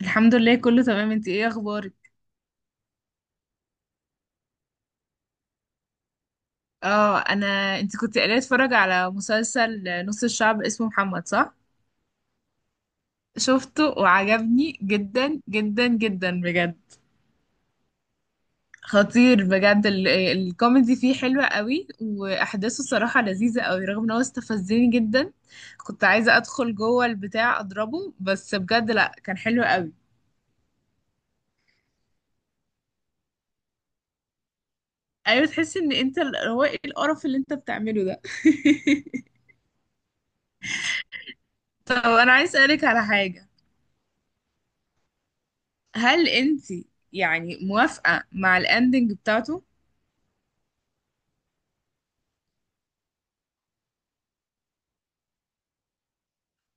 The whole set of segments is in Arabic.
الحمد لله، كله تمام. انت ايه اخبارك؟ اه، انت كنت قاعده اتفرج على مسلسل نص الشعب اسمه محمد، صح؟ شفته وعجبني جدا جدا جدا بجد. خطير بجد، الكوميدي فيه حلوة قوي، واحداثه الصراحه لذيذه قوي، رغم ان هو استفزني جدا. كنت عايزه ادخل جوه البتاع اضربه، بس بجد لا، كان حلو قوي. ايوه، تحس ان انت هو ايه القرف اللي انت بتعمله ده؟ طب انا عايز اسالك على حاجه. هل انت يعني موافقة مع الاندنج بتاعته؟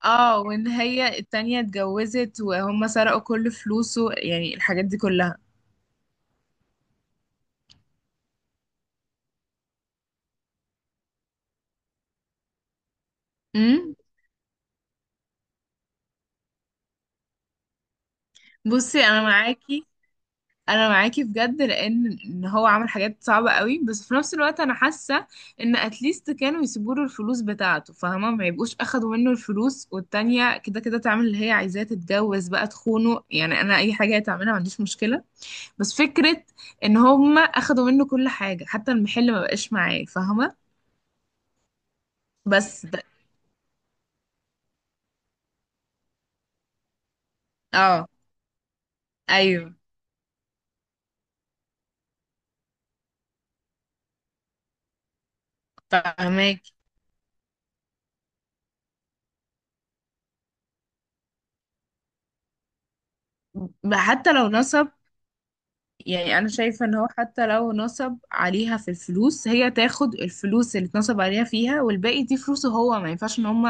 اه، وان هي التانية اتجوزت وهم سرقوا كل فلوسه، يعني الحاجات دي كلها. امم بصي، انا معاكي، انا معاكي بجد، لان ان هو عمل حاجات صعبة قوي، بس في نفس الوقت انا حاسة ان اتليست كانوا يسيبوا له الفلوس بتاعته، فاهمة؟ ما يبقوش اخدوا منه الفلوس، والتانية كده كده تعمل اللي هي عايزاه، تتجوز بقى، تخونه، يعني انا اي حاجة هتعملها ما عنديش مشكلة. بس فكرة ان هم اخدوا منه كل حاجة، حتى المحل ما بقاش معاه، فاهمة؟ بس ده اه. ايوه، فاهماك. حتى لو نصب، يعني انا شايفة ان هو حتى لو نصب عليها في الفلوس، هي تاخد الفلوس اللي اتنصب عليها فيها، والباقي دي فلوسه هو، ما ينفعش ان هم،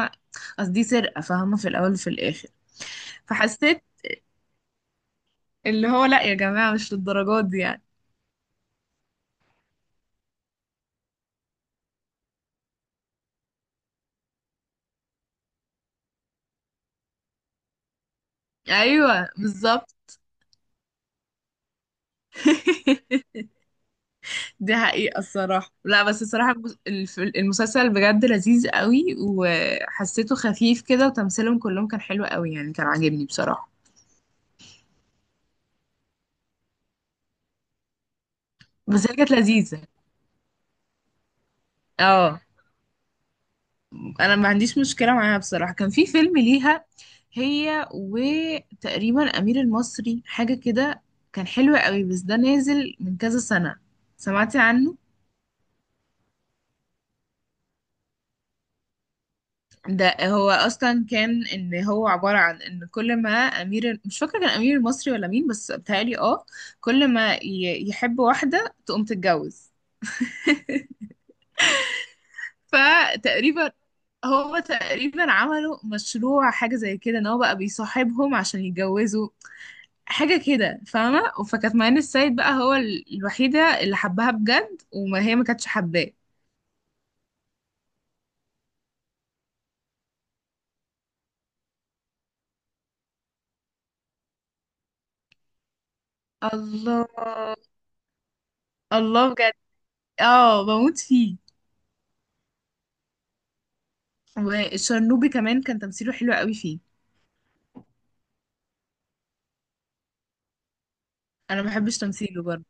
اصل دي سرقة فاهمة، في الاول وفي الاخر. فحسيت اللي هو لا يا جماعة، مش للدرجات دي يعني. ايوه، بالظبط. دي حقيقة الصراحة. لا، بس الصراحة المسلسل بجد لذيذ قوي، وحسيته خفيف كده، وتمثيلهم كلهم كان حلو قوي يعني، كان عاجبني بصراحة. بس هي كانت لذيذة. اه، انا ما عنديش مشكلة معاها بصراحة. كان في فيلم ليها، هي وتقريبا أمير المصري، حاجة كده، كان حلو قوي، بس ده نازل من كذا سنة. سمعتي عنه؟ ده هو اصلا كان ان هو عباره عن ان كل ما امير، مش فاكره كان امير المصري ولا مين، بس بتهيألي اه، كل ما يحب واحده تقوم تتجوز. فتقريبا هو تقريبا عملوا مشروع حاجه زي كده، ان هو بقى بيصاحبهم عشان يتجوزوا، حاجه كده فاهمه؟ فكانت معين السيد بقى هو الوحيده اللي حبها بجد، وما هي ما كانتش حباه. الله. الله، بجد؟ اه، بموت فيه. والشرنوبي كمان كان تمثيله حلو قوي فيه. انا ما بحبش تمثيله برضه،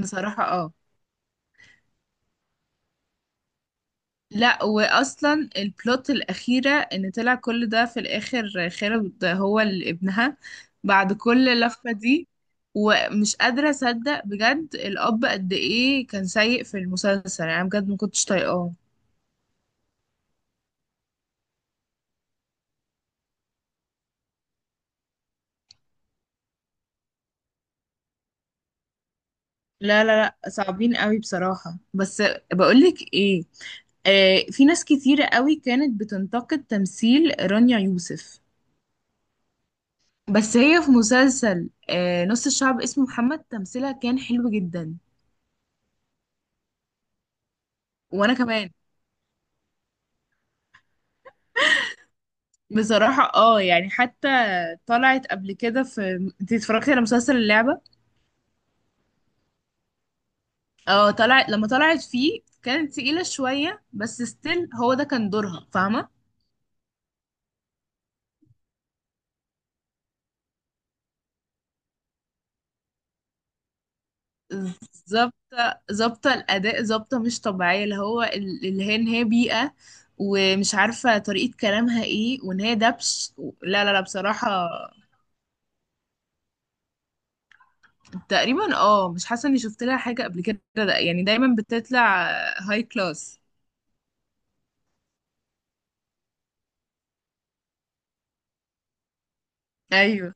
بصراحة اه. لا، واصلا البلوت الاخيرة، ان طلع كل ده في الاخر، خالد هو اللي ابنها، بعد كل اللفة دي. ومش قادرة اصدق بجد، الاب قد ايه كان سيء في المسلسل يعني، أنا بجد ما كنتش طايقاه. لا لا لا، صعبين قوي بصراحة. بس بقولك ايه، آه في ناس كتيرة قوي كانت بتنتقد تمثيل رانيا يوسف، بس هي في مسلسل نص الشعب اسمه محمد، تمثيلها كان حلو جدا. وانا كمان بصراحة اه، يعني حتى طلعت قبل كده في، انت اتفرجتي على مسلسل اللعبة؟ اه، طلعت، لما طلعت فيه كانت تقيلة شوية، بس ستيل هو ده كان دورها، فاهمة؟ ظابط، ظابطة الأداء، ظابطة مش طبيعية، اللي هو اللي هي ان هي بيئة، ومش عارفة طريقة كلامها ايه، وان هي دبش و- لا لا لا بصراحة. تقريبا اه، مش حاسه اني شفت لها حاجه قبل كده، ده يعني دايما بتطلع هاي كلاس. ايوه،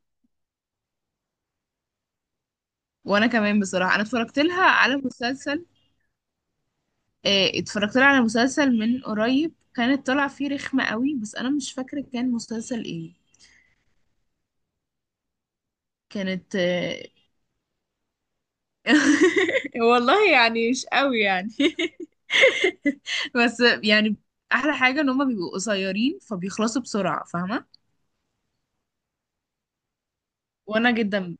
وانا كمان بصراحه. انا اتفرجت لها على مسلسل، اتفرجت لها على مسلسل من قريب، كانت طالعه فيه رخمه قوي، بس انا مش فاكره كان مسلسل ايه. كانت آه، والله يعني مش قوي يعني. بس يعني، احلى حاجه ان هما بيبقوا قصيرين فبيخلصوا بسرعه، فاهمه؟ وانا جدا،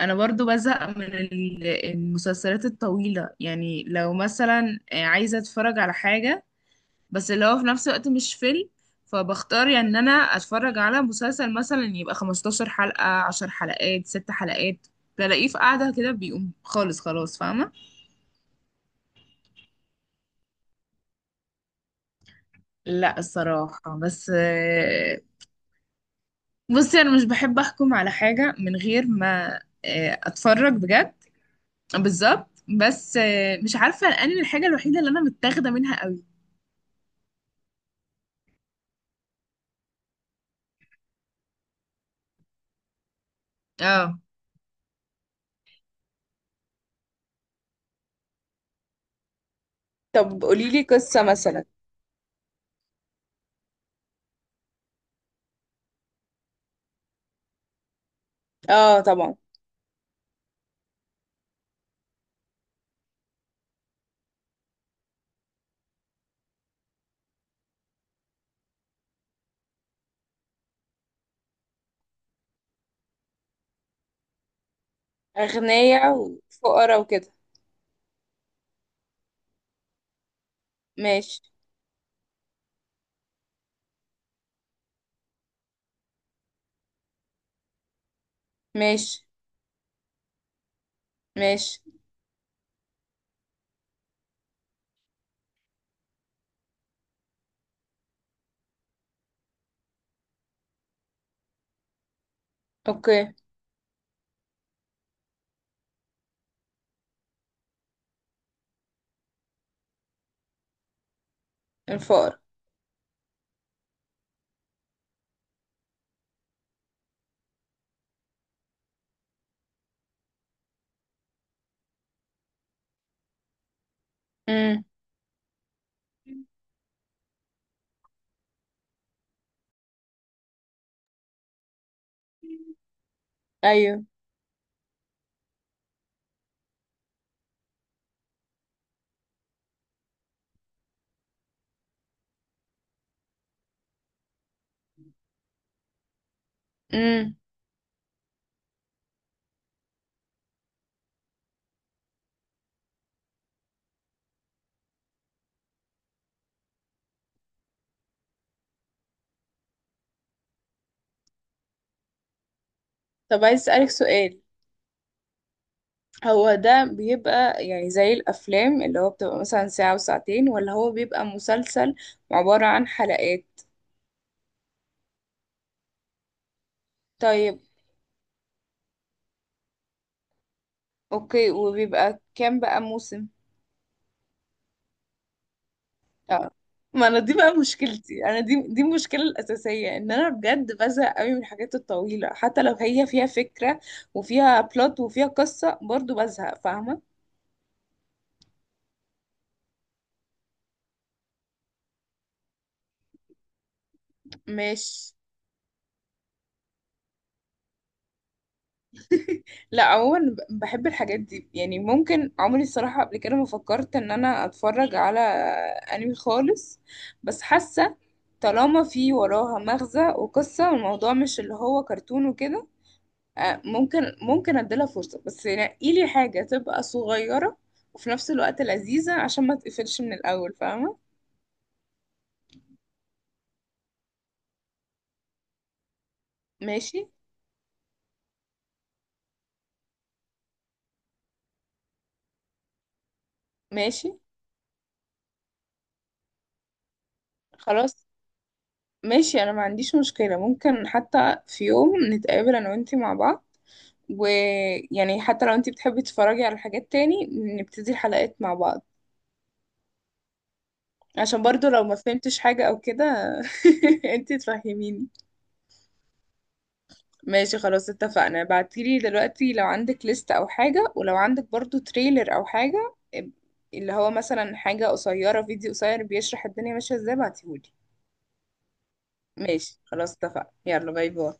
انا برضو بزهق من المسلسلات الطويلة يعني. لو مثلا عايزة اتفرج على حاجة، بس اللي هو في نفس الوقت مش فيلم، فبختار يعني ان انا اتفرج على مسلسل، مثلا يبقى 15 حلقة، 10 حلقات، 6 حلقات، بلاقيه في قعدة كده بيقوم خالص، خلاص، فاهمة؟ لا الصراحة، بس بصي انا مش بحب احكم على حاجة من غير ما اتفرج بجد. بالظبط. بس مش عارفة الانمي الحاجة الوحيدة اللي انا متاخدة منها قوي، اه. طب قولي لي قصة مثلا. اه طبعا. أغنياء وفقراء وكده. ماشي. ماشي. ماشي. اوكي. الفقراء. امم. ايوه. امم. طب عايز أسألك سؤال، هو ده بيبقى يعني زي الأفلام اللي هو بتبقى مثلا ساعة وساعتين، ولا هو بيبقى مسلسل عبارة عن حلقات؟ طيب، اوكي. وبيبقى كام بقى موسم؟ اه، ما انا دي بقى مشكلتي، انا دي المشكله الاساسيه، ان انا بجد بزهق قوي من الحاجات الطويله، حتى لو هي فيها فكره، وفيها بلوت، وفيها قصه، برضو بزهق، فاهمه؟ مش لا، عموما بحب الحاجات دي يعني. ممكن عمري الصراحه قبل كده ما فكرت ان انا اتفرج على انمي خالص، بس حاسه، طالما في وراها مغزى وقصه، والموضوع مش اللي هو كرتون وكده، ممكن، ممكن اديلها فرصة، بس نقي لي حاجة تبقى صغيرة وفي نفس الوقت لذيذة، عشان ما تقفلش من الأول، فاهمة؟ ماشي. ماشي. خلاص ماشي. أنا ما عنديش مشكلة، ممكن حتى في يوم نتقابل أنا وأنتي مع بعض، ويعني حتى لو أنتي بتحبي تتفرجي على حاجات تاني، نبتدي الحلقات مع بعض، عشان برضو لو ما فهمتش حاجة أو كده، أنتي تفهميني. ماشي خلاص، اتفقنا. ابعتيلي دلوقتي لو عندك ليست او حاجة، ولو عندك برضو تريلر او حاجة اللي هو مثلا حاجة قصيرة، فيديو قصير بيشرح الدنيا ماشية ازاي، بعتيهولي. ماشي خلاص، اتفقنا، يلا باي باي.